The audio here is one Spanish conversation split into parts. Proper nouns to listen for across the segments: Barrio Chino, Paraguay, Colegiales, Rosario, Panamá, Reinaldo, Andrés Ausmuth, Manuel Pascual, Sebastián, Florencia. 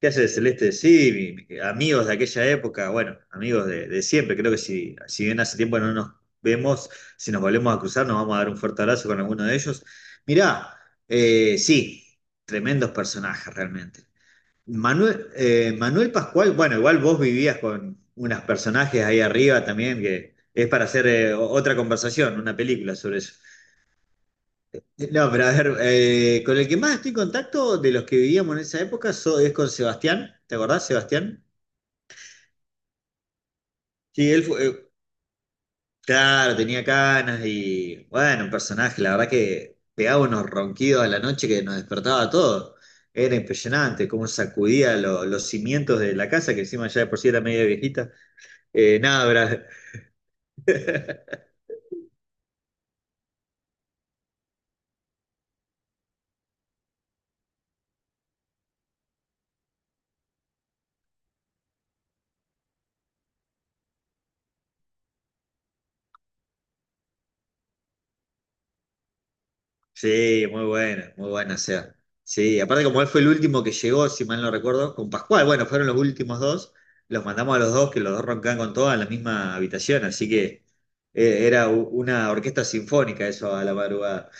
¿Qué haces, Celeste? Sí, amigos de aquella época, bueno, amigos de siempre. Creo que si bien hace tiempo no nos vemos, si nos volvemos a cruzar, nos vamos a dar un fuerte abrazo con alguno de ellos. Mirá, sí, tremendos personajes realmente. Manuel, Manuel Pascual, bueno, igual vos vivías con unos personajes ahí arriba también, que es para hacer otra conversación, una película sobre eso. No, pero a ver, con el que más estoy en contacto de los que vivíamos en esa época es con Sebastián. ¿Te acordás, Sebastián? Sí, él fue, claro, tenía canas y bueno, un personaje, la verdad que pegaba unos ronquidos a la noche que nos despertaba a todos. Era impresionante cómo sacudía los cimientos de la casa, que encima ya de por sí era media viejita. Nada, Brad. Sí, muy buena, o sea. Sí, aparte como él fue el último que llegó, si mal no recuerdo, con Pascual, bueno, fueron los últimos dos, los mandamos a los dos, que los dos roncaban con todas en la misma habitación, así que era una orquesta sinfónica eso a la madrugada.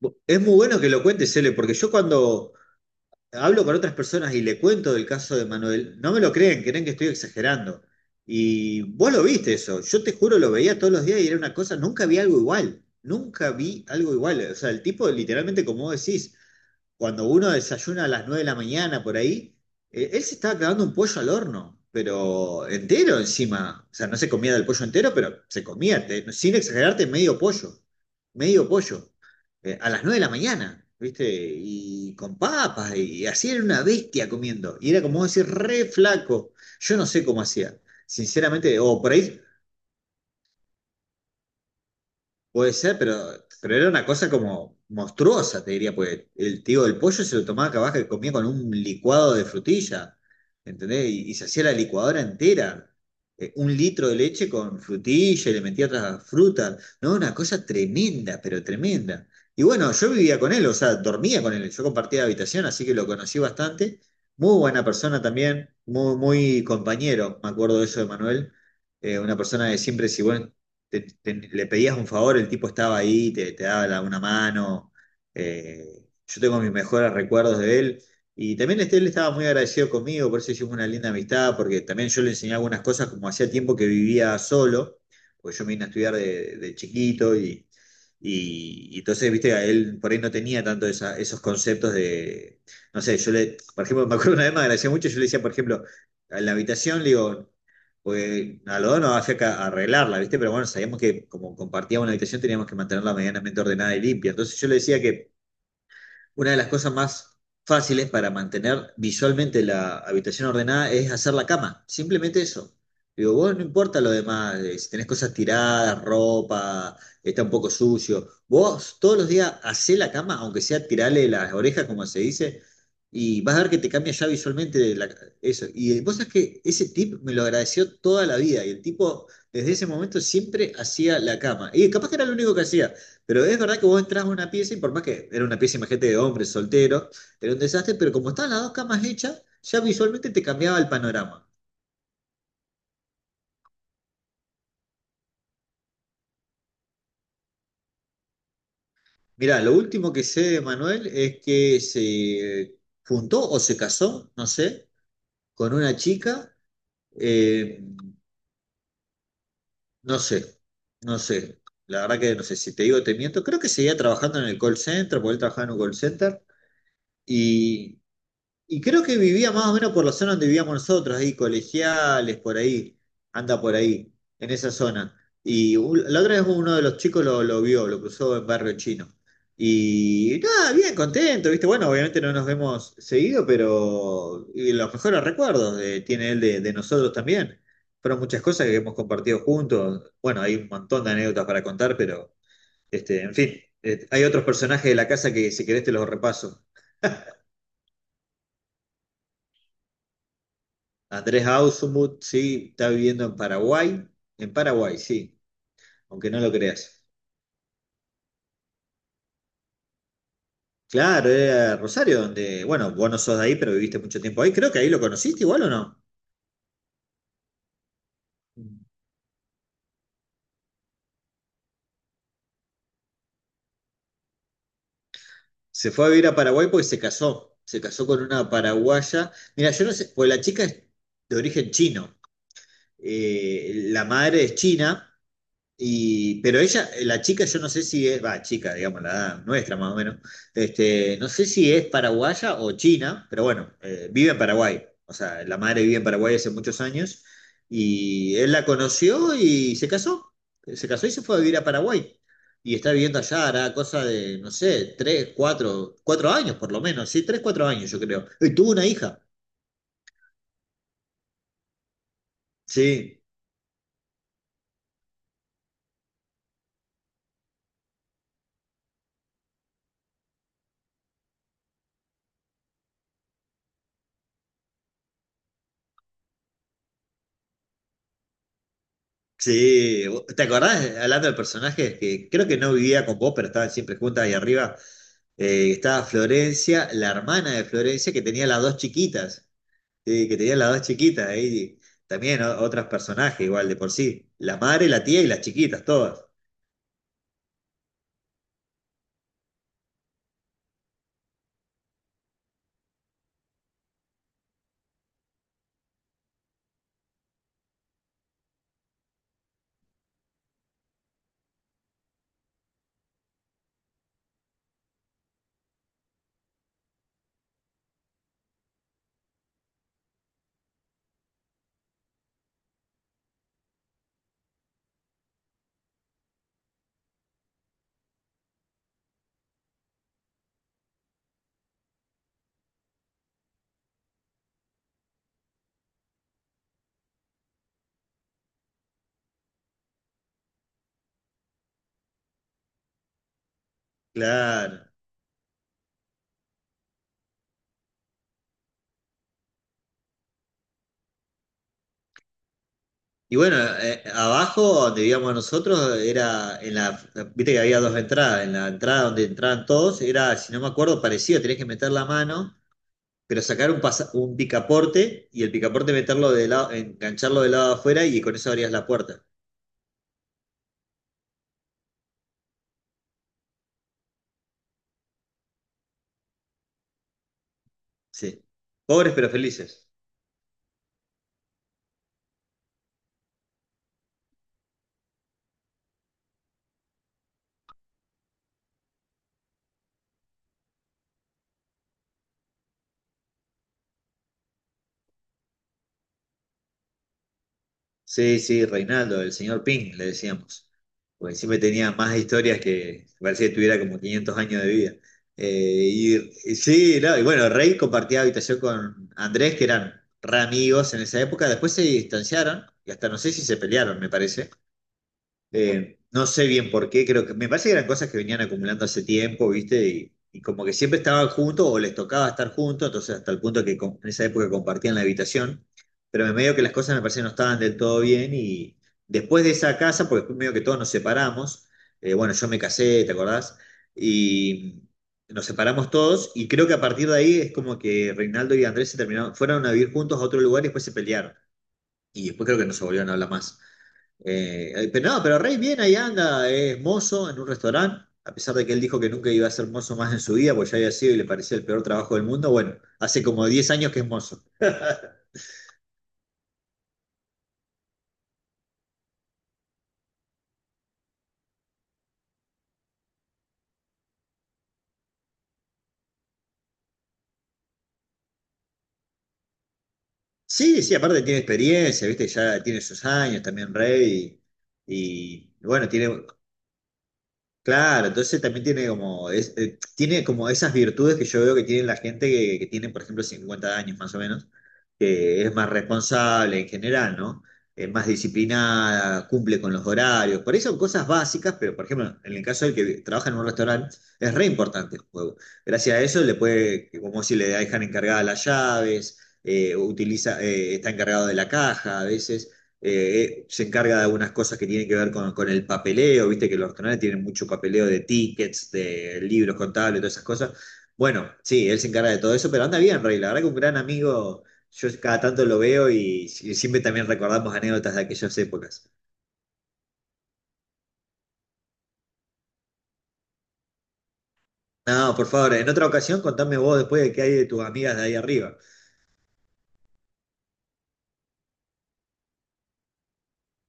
Es muy bueno que lo cuentes, Cele, porque yo cuando hablo con otras personas y le cuento del caso de Manuel, no me lo creen, creen que estoy exagerando. Y vos lo viste eso, yo te juro, lo veía todos los días y era una cosa, nunca vi algo igual, nunca vi algo igual. O sea, el tipo literalmente, como vos decís, cuando uno desayuna a las 9 de la mañana por ahí, él se estaba clavando un pollo al horno, pero entero encima. O sea, no se comía del pollo entero, pero se comía, sin exagerarte, medio pollo. Medio pollo. A las 9 de la mañana, ¿viste? Y con papas, y así era una bestia comiendo. Y era como decir, re flaco. Yo no sé cómo hacía. Sinceramente, o por ahí. Puede ser, pero era una cosa como monstruosa, te diría, pues el tío del pollo se lo tomaba acá abajo y comía con un licuado de frutilla. ¿Entendés? Y se hacía la licuadora entera, 1 litro de leche con frutilla y le metía otras frutas, ¿no? Una cosa tremenda, pero tremenda. Y bueno, yo vivía con él, o sea, dormía con él, yo compartía habitación, así que lo conocí bastante. Muy buena persona también, muy, muy compañero, me acuerdo de eso de Manuel. Una persona que siempre, si vos le pedías un favor, el tipo estaba ahí, te daba una mano. eh, yo tengo mis mejores recuerdos de él. Y también este, él estaba muy agradecido conmigo, por eso hicimos una linda amistad, porque también yo le enseñé algunas cosas, como hacía tiempo que vivía solo, porque yo me vine a estudiar de chiquito y entonces, viste, a él por ahí no tenía tanto esos conceptos de, no sé, yo le, por ejemplo, me acuerdo una vez me agradecía mucho, yo le decía, por ejemplo, en la habitación, le digo, pues a algodón no hacía que arreglarla, ¿viste? Pero bueno, sabíamos que como compartíamos una habitación teníamos que mantenerla medianamente ordenada y limpia. Entonces yo le decía que una de las cosas más fáciles para mantener visualmente la habitación ordenada es hacer la cama, simplemente eso. Digo, vos no importa lo demás, si tenés cosas tiradas, ropa, está un poco sucio, vos todos los días hacé la cama, aunque sea tirarle las orejas, como se dice, y vas a ver que te cambia ya visualmente de eso. Y vos sabés que ese tip me lo agradeció toda la vida, y el tipo desde ese momento siempre hacía la cama, y capaz que era lo único que hacía. Pero es verdad que vos entras a una pieza y por más que era una pieza, imagínate, de hombres solteros, era un desastre, pero como estaban las dos camas hechas, ya visualmente te cambiaba el panorama. Mirá, lo último que sé de Manuel es que se juntó o se casó, no sé, con una chica, eh, no sé, no sé. La verdad que no sé, si te digo te miento, creo que seguía trabajando en el call center, porque él trabajaba en un call center, y. Y creo que vivía más o menos por la zona donde vivíamos nosotros, ahí, colegiales, por ahí, anda por ahí, en esa zona. Y la otra vez uno de los chicos lo vio, lo cruzó en Barrio Chino. Y nada, bien contento, ¿viste? Bueno, obviamente no nos vemos seguido, pero y los mejores recuerdos tiene él de nosotros también. Fueron muchas cosas que hemos compartido juntos. Bueno, hay un montón de anécdotas para contar, pero, este, en fin, hay otros personajes de la casa que si querés te los repaso. Andrés Ausmuth, sí, está viviendo en Paraguay. En Paraguay, sí, aunque no lo creas. Claro, era Rosario, donde, bueno, vos no sos de ahí, pero viviste mucho tiempo ahí. Creo que ahí lo conociste igual o no. Se fue a vivir a Paraguay porque se casó. Se casó con una paraguaya. Mira, yo no sé, pues la chica es de origen chino. La madre es china. Y, pero ella, la chica, yo no sé si es, va, chica, digamos, la edad nuestra más o menos, este, no sé si es paraguaya o china, pero bueno, vive en Paraguay, o sea, la madre vive en Paraguay hace muchos años, y él la conoció y se casó y se fue a vivir a Paraguay, y está viviendo allá, hará cosa de, no sé, tres, cuatro, cuatro años por lo menos, sí, tres, cuatro años yo creo, y tuvo una hija, sí. Sí, ¿te acordás, hablando de personajes, que creo que no vivía con vos, pero estaban siempre juntas ahí arriba? Estaba Florencia, la hermana de Florencia, que tenía las dos chiquitas, sí, que tenía las dos chiquitas ahí. También otros personajes igual de por sí. La madre, la tía y las chiquitas, todas. Claro. Y bueno, abajo donde vivíamos nosotros era en la, viste que había dos entradas, en la entrada donde entraban todos era, si no me acuerdo, parecido, tenés que meter la mano pero sacar un, un picaporte y el picaporte meterlo de lado, engancharlo del lado afuera y con eso abrías la puerta. Sí. Pobres pero felices. Sí, sí, Reinaldo, el señor Ping, le decíamos. Porque siempre tenía más historias que parecía que tuviera como 500 años de vida. Eh, y sí, no, y bueno, Rey compartía habitación con Andrés, que eran re amigos en esa época. Después se distanciaron y hasta no sé si se pelearon, me parece. No sé bien por qué, creo que me parece que eran cosas que venían acumulando hace tiempo, ¿viste? Y como que siempre estaban juntos o les tocaba estar juntos, entonces hasta el punto que en esa época compartían la habitación, pero me medio que las cosas me parece que no estaban del todo bien y después de esa casa, porque después medio que todos nos separamos, bueno, yo me casé, ¿te acordás? Y nos separamos todos y creo que a partir de ahí es como que Reinaldo y Andrés se terminaron, fueron a vivir juntos a otro lugar y después se pelearon y después creo que no se volvieron a hablar más. Pero no, pero Rey bien ahí anda, es mozo en un restaurante, a pesar de que él dijo que nunca iba a ser mozo más en su vida, porque ya había sido y le parecía el peor trabajo del mundo. Bueno, hace como 10 años que es mozo. Sí, sí, aparte tiene experiencia, viste, ya tiene sus años también Rey, y bueno, tiene. Claro, entonces también tiene como, tiene como esas virtudes que yo veo que tiene la gente que, tiene, por ejemplo, 50 años más o menos, que es más responsable en general, ¿no? Es más disciplinada, cumple con los horarios. Por ahí son cosas básicas, pero por ejemplo, en el caso del que trabaja en un restaurante, es re importante el juego. Gracias a eso le puede, como si le dejan encargada las llaves, utiliza, está encargado de la caja a veces se encarga de algunas cosas que tienen que ver con, el papeleo, viste que los canales tienen mucho papeleo de tickets, de libros contables, todas esas cosas. Bueno, sí, él se encarga de todo eso, pero anda bien, Rey, la verdad que un gran amigo, yo cada tanto lo veo y siempre también recordamos anécdotas de aquellas épocas. No, por favor, en otra ocasión contame vos después de qué hay de tus amigas de ahí arriba.